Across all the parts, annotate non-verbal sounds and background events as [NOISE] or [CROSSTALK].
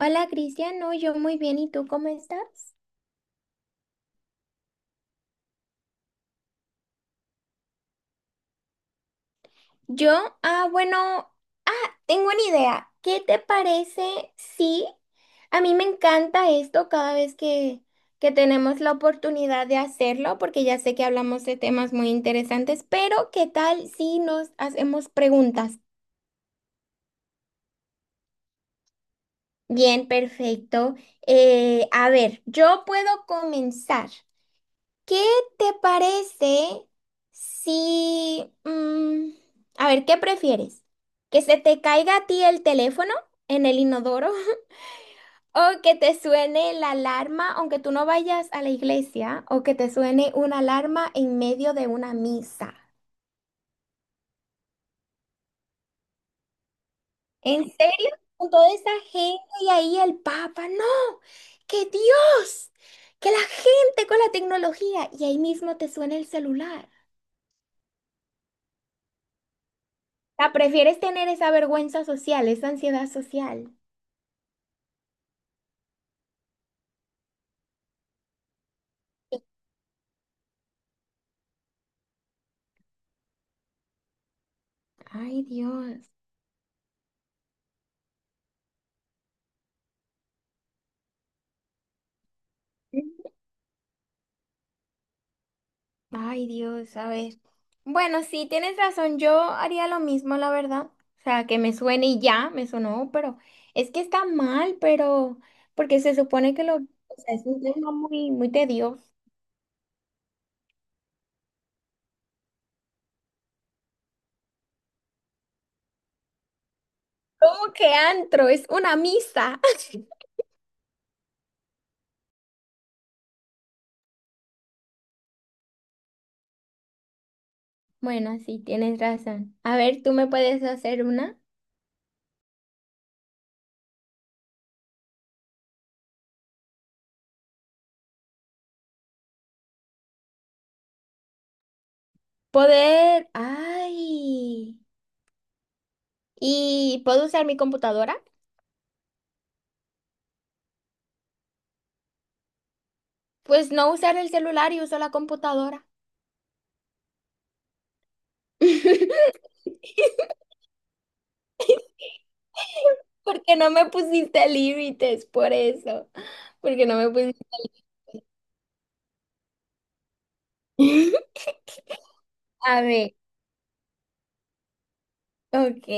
Hola, Cristian, no, yo muy bien, ¿y tú cómo estás? Yo, bueno, ah, tengo una idea. ¿Qué te parece si a mí me encanta esto cada vez que tenemos la oportunidad de hacerlo, porque ya sé que hablamos de temas muy interesantes, pero ¿qué tal si nos hacemos preguntas? Bien, perfecto. A ver, yo puedo comenzar. ¿Qué te parece si a ver, ¿qué prefieres? ¿Que se te caiga a ti el teléfono en el inodoro? [LAUGHS] ¿O que te suene la alarma aunque tú no vayas a la iglesia? ¿O que te suene una alarma en medio de una misa? ¿En serio? Con toda esa gente y ahí el Papa. No, que Dios, que la gente con la tecnología y ahí mismo te suena el celular. Sea, prefieres tener esa vergüenza social, esa ansiedad social. Ay, Dios. Ay, Dios, a ver. Bueno, sí, tienes razón, yo haría lo mismo, la verdad. O sea, que me suene y ya, me sonó, pero es que está mal, pero porque se supone que lo, o sea, es un tema muy, muy tedioso. ¿Cómo que antro? Es una misa. [LAUGHS] Bueno, sí, tienes razón. A ver, tú me puedes hacer una. Poder, ay, ¿y puedo usar mi computadora? Pues no usar el celular y uso la computadora. [LAUGHS] Porque no me pusiste límites, por eso. Porque no me pusiste límites. [LAUGHS] A ver, ok.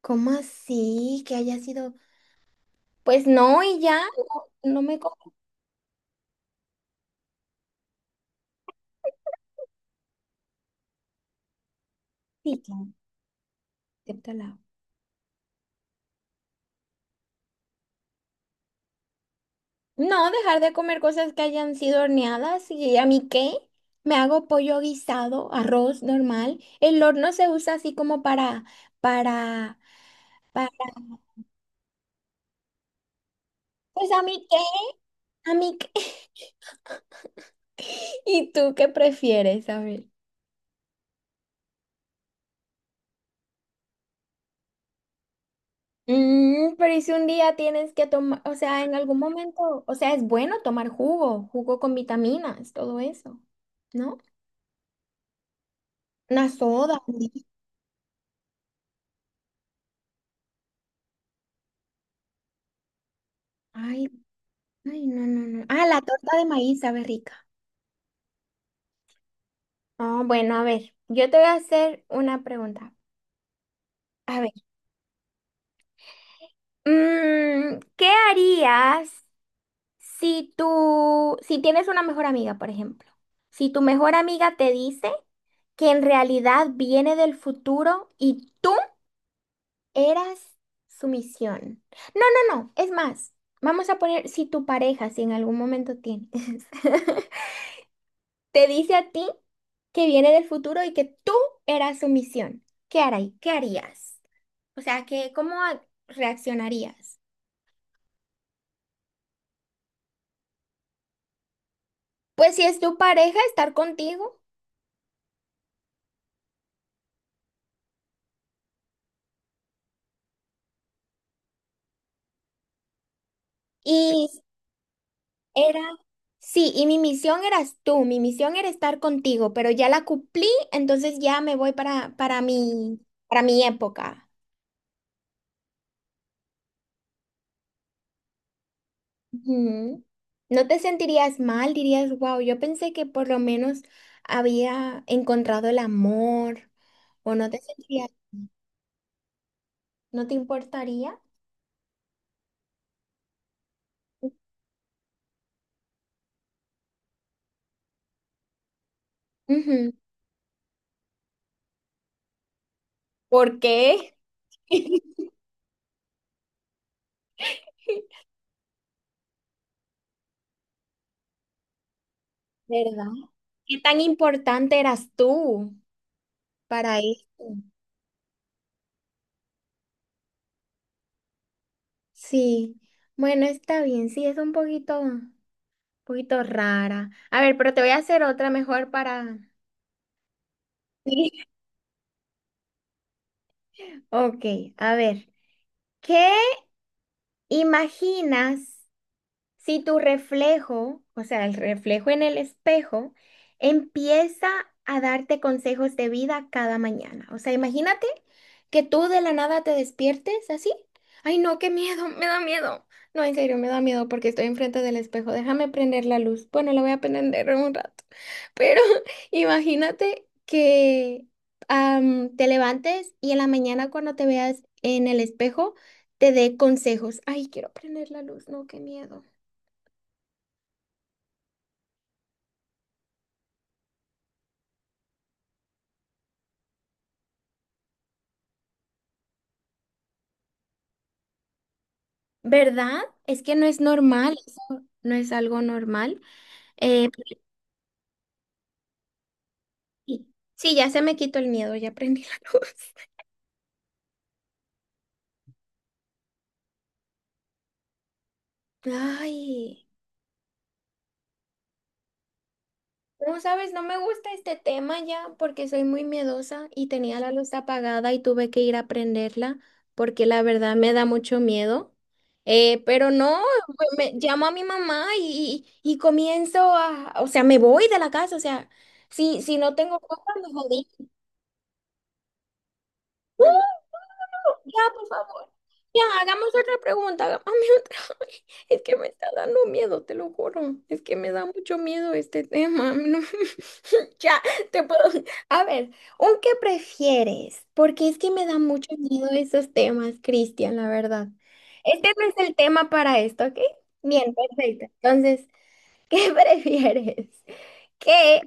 ¿Cómo así? Que haya sido. Pues no, y ya no, no me complican. Acéptala. No, dejar de comer cosas que hayan sido horneadas. ¿Y a mí qué? Me hago pollo guisado, arroz normal. El horno se usa así como para, para. Pues a mí qué. A mí, qué- [LAUGHS] ¿Y tú qué prefieres? A ver. Mm, pero ¿y si un día tienes que tomar, o sea, en algún momento, o sea, es bueno tomar jugo con vitaminas, todo eso, ¿no? Una soda. Un líquido. Ay, ay, no, no, no. Ah, la torta de maíz sabe rica. Ah, bueno, a ver, yo te voy a hacer una pregunta. A ver, ¿qué harías si tienes una mejor amiga, por ejemplo? Si tu mejor amiga te dice que en realidad viene del futuro y tú eras su misión. No, no, no, es más, vamos a poner si en algún momento tienes, [LAUGHS] te dice a ti que viene del futuro y que tú eras su misión. ¿Qué harías? O sea, que, ¿reaccionarías? Pues si es tu pareja, estar contigo. y Era, sí, y mi misión eras tú, mi misión era estar contigo, pero ya la cumplí, entonces ya me voy para mi época. Ujú. No te sentirías mal, dirías, wow, yo pensé que por lo menos había encontrado el amor, o no te sentirías, no te importaría. Ujú. ¿Por qué? [LAUGHS] ¿Verdad? ¿Qué tan importante eras tú para esto? Sí, bueno, está bien, sí, es un poquito rara. A ver, pero te voy a hacer otra mejor para... [LAUGHS] Sí. Ok, a ver. ¿Qué imaginas? Si tu reflejo, o sea, el reflejo en el espejo, empieza a darte consejos de vida cada mañana. O sea, imagínate que tú de la nada te despiertes así. Ay, no, qué miedo, me da miedo. No, en serio, me da miedo porque estoy enfrente del espejo. Déjame prender la luz. Bueno, la voy a prender en un rato. Pero [LAUGHS] imagínate que te levantes y en la mañana cuando te veas en el espejo, te dé consejos. Ay, quiero prender la luz. No, qué miedo. ¿Verdad? Es que no es normal, eso no es algo normal. Eh, sí, sí, ya se me quitó el miedo, ya prendí la luz. [LAUGHS] Ay, como sabes, no me gusta este tema ya porque soy muy miedosa y tenía la luz apagada y tuve que ir a prenderla porque la verdad me da mucho miedo. Pero no, pues, me, llamo a mi mamá y comienzo a, o sea, me voy de la casa, o sea, si no tengo cosas, me jodí. Ya, por favor. Ya, hagamos otra pregunta, hagamos otra. [LAUGHS] Es que me está dando miedo, te lo juro. Es que me da mucho miedo este tema. No. [LAUGHS] Ya, te puedo. A ver, ¿un qué prefieres? Porque es que me da mucho miedo esos temas, Cristian, la verdad. Este no es el tema para esto, ¿ok? Bien, perfecto. Entonces, ¿qué [LAUGHS] prefieres? ¿Que,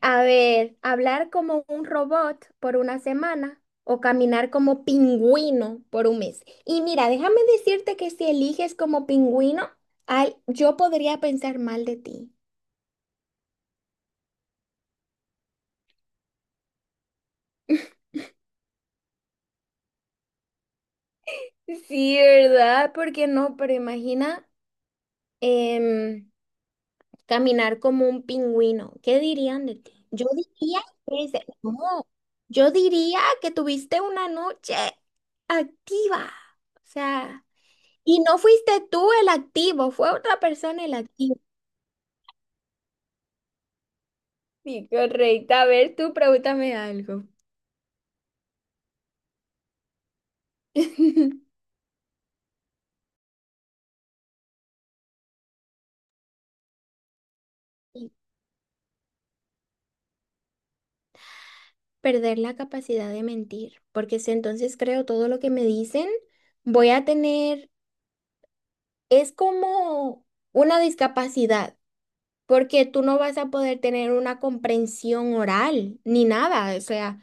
a ver, hablar como un robot por una semana o caminar como pingüino por un mes? Y mira, déjame decirte que si eliges como pingüino, ay, yo podría pensar mal de ti. Sí, ¿verdad? ¿Por qué no? Pero imagina em, caminar como un pingüino. ¿Qué dirían de ti? Yo diría no, yo diría que tuviste una noche activa. O sea... Y no fuiste tú el activo, fue otra persona el activo. Sí, correcto. A ver, tú pregúntame algo. [LAUGHS] Y Perder la capacidad de mentir, porque si entonces creo todo lo que me dicen, voy a tener, es como una discapacidad, porque tú no vas a poder tener una comprensión oral ni nada, o sea,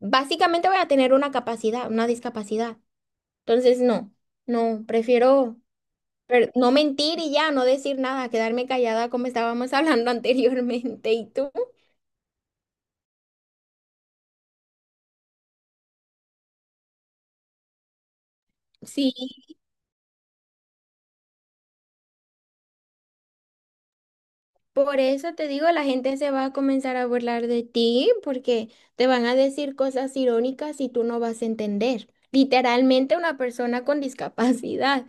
básicamente voy a tener una capacidad, una discapacidad. Entonces, no, no, prefiero. Pero no mentir y ya, no decir nada, quedarme callada como estábamos hablando [LAUGHS] anteriormente. ¿Y tú? Sí, por eso te digo, la gente se va a comenzar a burlar de ti porque te van a decir cosas irónicas y tú no vas a entender. Literalmente una persona con discapacidad.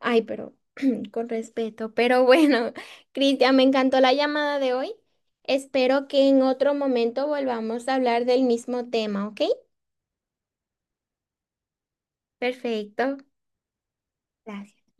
Ay, pero [CLEARS THROAT] con respeto. Pero bueno, [LAUGHS] Cristian, me encantó la llamada de hoy. Espero que en otro momento volvamos a hablar del mismo tema, ¿ok? Perfecto. Gracias.